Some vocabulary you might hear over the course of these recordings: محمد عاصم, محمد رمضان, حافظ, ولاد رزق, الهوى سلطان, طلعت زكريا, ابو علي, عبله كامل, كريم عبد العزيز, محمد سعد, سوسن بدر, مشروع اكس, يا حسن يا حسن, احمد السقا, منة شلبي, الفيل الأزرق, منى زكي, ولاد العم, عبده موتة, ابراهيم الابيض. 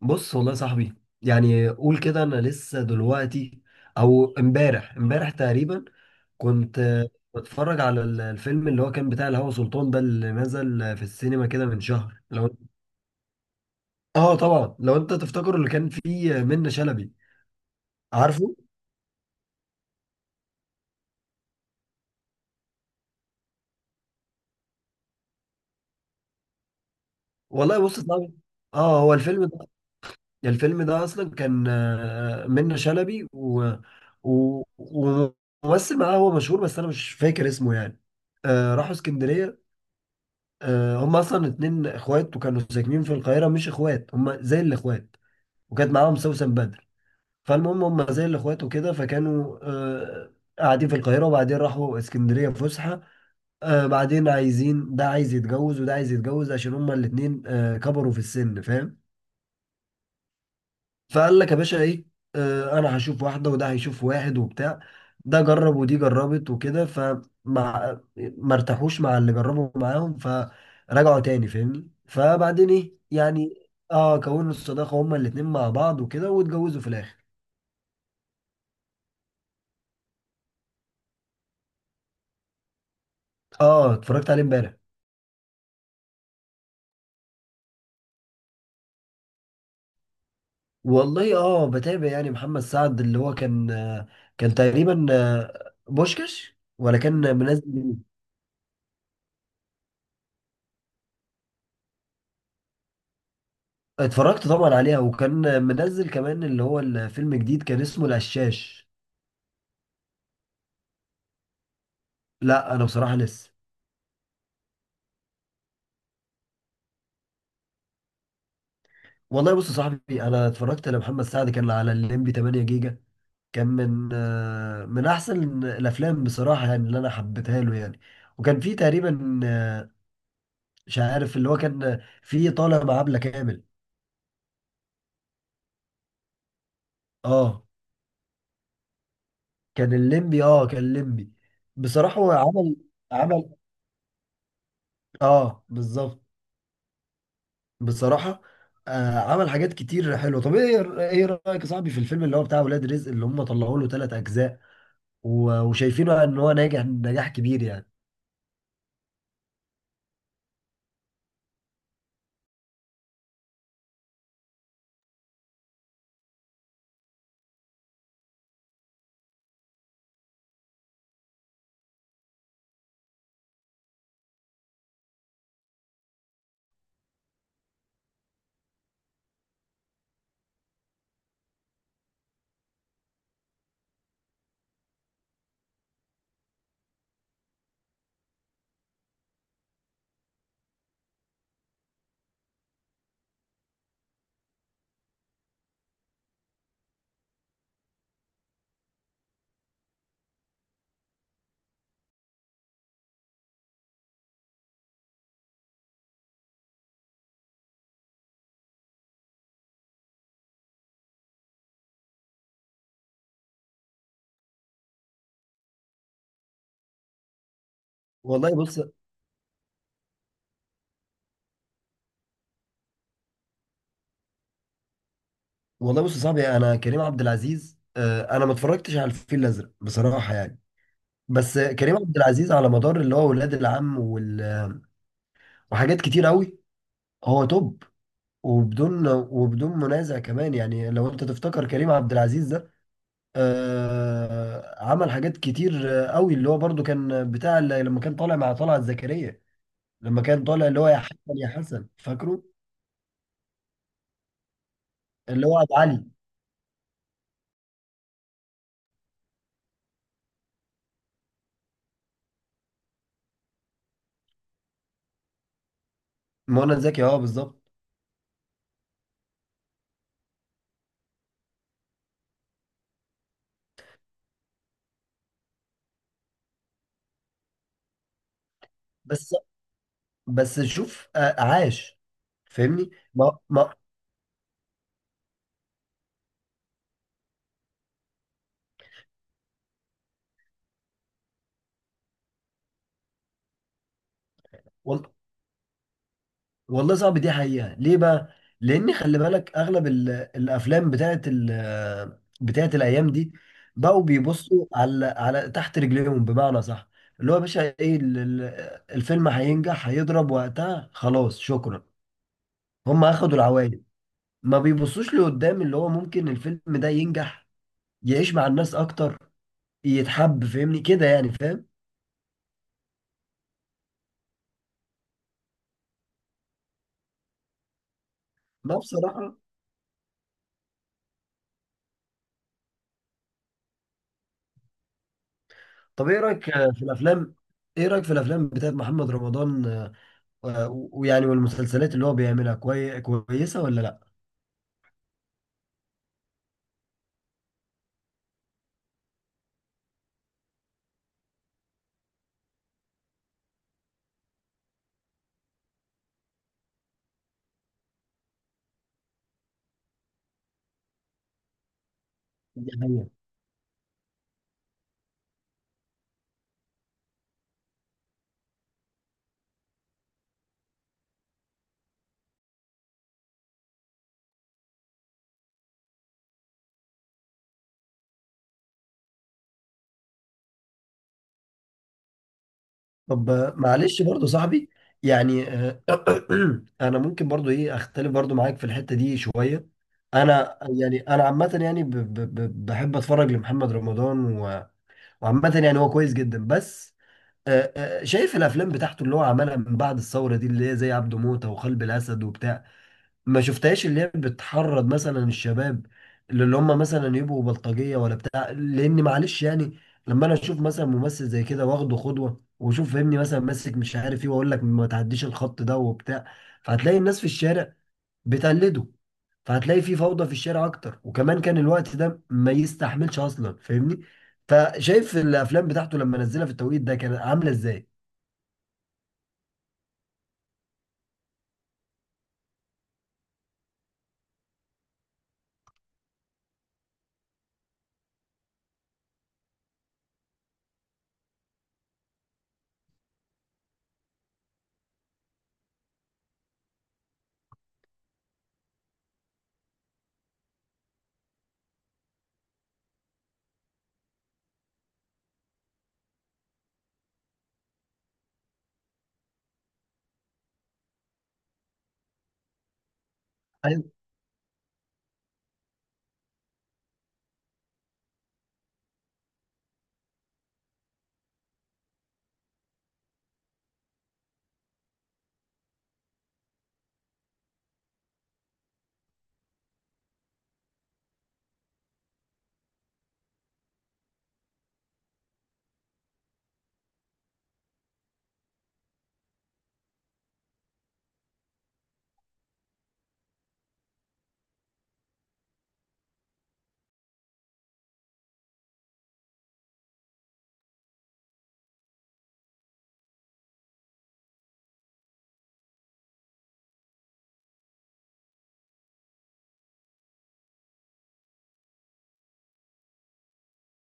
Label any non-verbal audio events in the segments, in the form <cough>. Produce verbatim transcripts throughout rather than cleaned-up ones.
بص والله يا صاحبي، يعني قول كده انا لسه دلوقتي او امبارح امبارح تقريبا. كنت آه، بتفرج على ال- الفيلم اللي هو كان بتاع الهوى سلطان ده اللي نزل آه، في السينما كده من شهر. لو اه طبعا، لو انت تفتكر، اللي كان فيه آه، منة شلبي. عارفه. والله بص يا صاحبي، اه هو الفيلم ده، الفيلم ده اصلا كان آه، منة شلبي و... و... وممثل معاه هو مشهور بس انا مش فاكر اسمه يعني. آه راحوا اسكندرية. آه، هم اصلا اتنين اخوات وكانوا ساكنين في القاهره، مش اخوات هم زي الاخوات، وكانت معاهم سوسن بدر. فالمهم هم زي الاخوات وكده، فكانوا آه، قاعدين في القاهره وبعدين راحوا اسكندريه فسحه. آه، بعدين عايزين، ده عايز يتجوز وده عايز يتجوز، عشان هم الاتنين آه، كبروا في السن، فاهم؟ فقال لك يا باشا ايه، آه انا هشوف واحده وده هيشوف واحد وبتاع. ده جرب ودي جربت وكده، فمع ما ارتاحوش مع اللي جربوا معاهم فرجعوا تاني، فاهمني؟ فبعدين ايه يعني، اه كونوا الصداقه هما الاتنين مع بعض وكده، واتجوزوا في الاخر. اه اتفرجت عليه امبارح. والله اه، بتابع يعني محمد سعد اللي هو كان آه كان تقريبا آه بوشكش ولا كان منزل. اتفرجت طبعا عليها، وكان منزل كمان اللي هو الفيلم جديد كان اسمه القشاش. لا انا بصراحه لسه. والله بص يا صاحبي، انا اتفرجت لمحمد سعد كان على الليمبي تمانية جيجا. كان من آه، من احسن الافلام بصراحه يعني، اللي انا حبيتها له يعني. وكان في تقريبا آه، مش عارف، اللي هو كان في طالع مع عبله كامل. اه كان الليمبي. اه كان الليمبي بصراحه هو عمل. عمل اه بالظبط. بصراحة آه عمل حاجات كتير حلوة. طب ايه ايه رأيك يا صاحبي في الفيلم اللي هو بتاع ولاد رزق، اللي هم طلعوا له ثلاث أجزاء و- وشايفينه ان هو ناجح نجاح كبير يعني؟ والله بص والله بص يا صاحبي، انا كريم عبد العزيز آه انا ما اتفرجتش على الفيل الأزرق بصراحة يعني. بس كريم عبد العزيز على مدار اللي هو ولاد العم وال... وحاجات كتير قوي، هو توب وبدون وبدون منازع كمان يعني. لو انت تفتكر كريم عبد العزيز آه، عمل حاجات كتير آه، قوي، اللي هو برضو كان بتاع اللي لما كان طالع مع طلعت زكريا، لما كان طالع اللي هو يا حسن يا حسن، فاكره؟ اللي هو ابو علي. منى زكي، اه بالظبط. بس بس شوف آه، عاش، فاهمني ما ما. والله صعب، دي حقيقة، ليه بقى؟ لأن خلي بالك أغلب ال- الأفلام بتاعت ال بتاعت الأيام دي بقوا بيبصوا على على تحت رجليهم بمعنى صح. اللي هو يا باشا إيه، ال- ال- الفيلم هينجح، هيضرب وقتها، خلاص شكرا، هم أخدوا العوائد. ما بيبصوش لقدام اللي هو ممكن الفيلم ده ينجح، يعيش مع الناس أكتر، يتحب، فاهمني كده يعني، فاهم؟ ما بصراحة، طب إيه رأيك في الأفلام، إيه رأيك في الأفلام بتاعت محمد رمضان آه، ويعني والمسلسلات اللي هو بيعملها كوي... كويسة ولا لا؟ دي حقيقة. طب آه، معلش برضو صاحبي، يعني آه، <clears throat> انا ممكن برضو ايه اختلف برضو معاك في الحتة دي شوية. انا يعني، انا عامة يعني ب... ب... ب... بحب اتفرج لمحمد رمضان و... وعامة يعني هو كويس جدا. بس آه، آه، شايف الافلام بتاعته اللي هو عملها من بعد الثورة دي، اللي هي زي عبده موتة وقلب الاسد وبتاع، ما شفتهاش، اللي هي بتحرض مثلا الشباب اللي هم مثلا يبقوا بلطجيه ولا بتاع، لان معلش يعني. لما انا اشوف مثلا ممثل زي كده واخده قدوه واشوف فهمني مثلا ماسك مش عارف ايه، واقول لك ما تعديش الخط ده وبتاع، فهتلاقي الناس في الشارع بتقلده، فهتلاقي في فوضى في الشارع اكتر، وكمان كان الوقت ده ما يستحملش اصلا، فاهمني؟ فشايف الافلام بتاعته لما نزلها في التوقيت ده كانت عامله ازاي.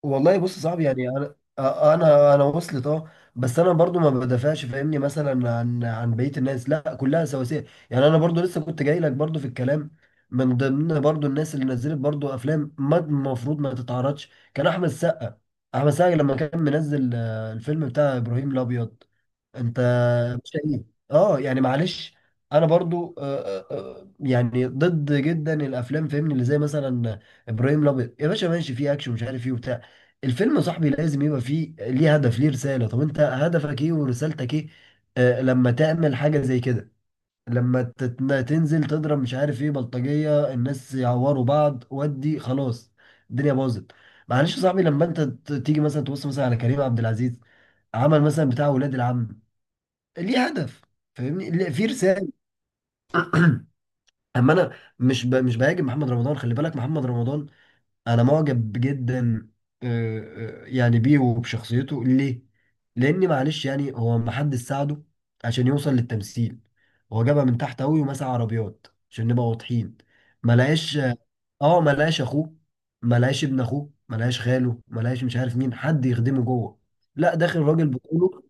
والله بص، صعب يعني. انا آه، انا انا وصلت، اه. بس انا برضو ما بدافعش فاهمني مثلا عن عن بقيه الناس، لا كلها سواسيه يعني. انا برضو لسه كنت جاي لك برضو في الكلام، من ضمن برضو الناس اللي نزلت برضو افلام ما المفروض ما تتعرضش كان احمد السقا. احمد السقا لما كان منزل آه، الفيلم بتاع ابراهيم الابيض. انت مش شقيق، اه يعني معلش. انا برضو آه، آه، آه، يعني ضد جدا الافلام فاهمني اللي زي مثلا ابراهيم الابيض. يا باشا ماشي فيه اكشن مش عارف ايه وبتاع، الفيلم يا صاحبي لازم يبقى فيه ليه هدف، ليه رساله. طب انت هدفك ايه ورسالتك ايه آه، لما تعمل حاجه زي كده؟ لما تت- تنزل تضرب مش عارف ايه بلطجيه، الناس يعوروا بعض، ودي خلاص الدنيا باظت. معلش يا صاحبي، لما انت ت- تيجي مثلا تبص مثلا على كريم عبد العزيز، عمل مثلا بتاع ولاد العم، ليه هدف، فاهمني ليه- في رسالة. <clears throat> اما انا، مش ب... مش بهاجم محمد رمضان، خلي بالك. محمد رمضان انا معجب جدا آه، آه، يعني بيه وبشخصيته، ليه؟ لان معلش يعني هو محدش ساعده عشان يوصل للتمثيل، هو جابها من تحت قوي ومسح عربيات عشان نبقى واضحين. ما لقاش، اه ما لقاش اخوه، ما لقاش ابن اخوه، ما لقاش خاله، ما لقاش مش عارف مين، حد يخدمه جوه، لا داخل راجل بطوله.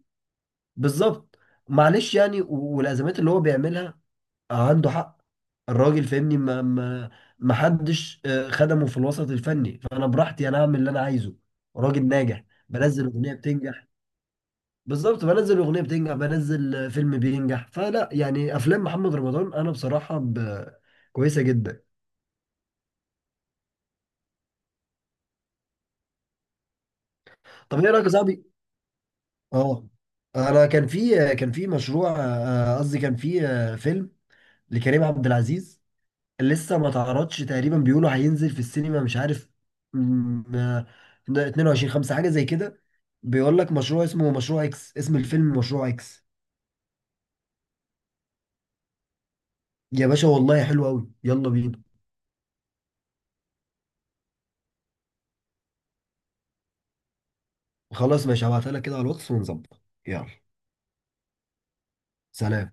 بالظبط، معلش يعني، و- والازمات اللي هو بيعملها عنده حق الراجل، فاهمني، ما ما ما حدش آه، خدمه في الوسط الفني، فانا براحتي انا اعمل اللي انا عايزه. راجل ناجح، بنزل اغنيه بتنجح، بالظبط، بنزل اغنيه بتنجح، بنزل آه، فيلم بينجح، فلا يعني افلام محمد رمضان انا بصراحه ب... كويسه جدا. طب ايه رايك يا صاحبي، اه انا كان في كان في مشروع آه، قصدي كان في آه، فيلم لكريم عبد العزيز. لسه ما تعرضش تقريبا، بيقولوا هينزل في السينما مش عارف، م- آه، اتنين وعشرين خمسة حاجة زي كده. بيقول لك مشروع، اسمه مشروع اكس، اسم الفيلم مشروع اكس. يا باشا والله حلو قوي، يلا بينا. خلاص ماشي، هبعتها لك كده على الواتس ونظبط، يلا سلام.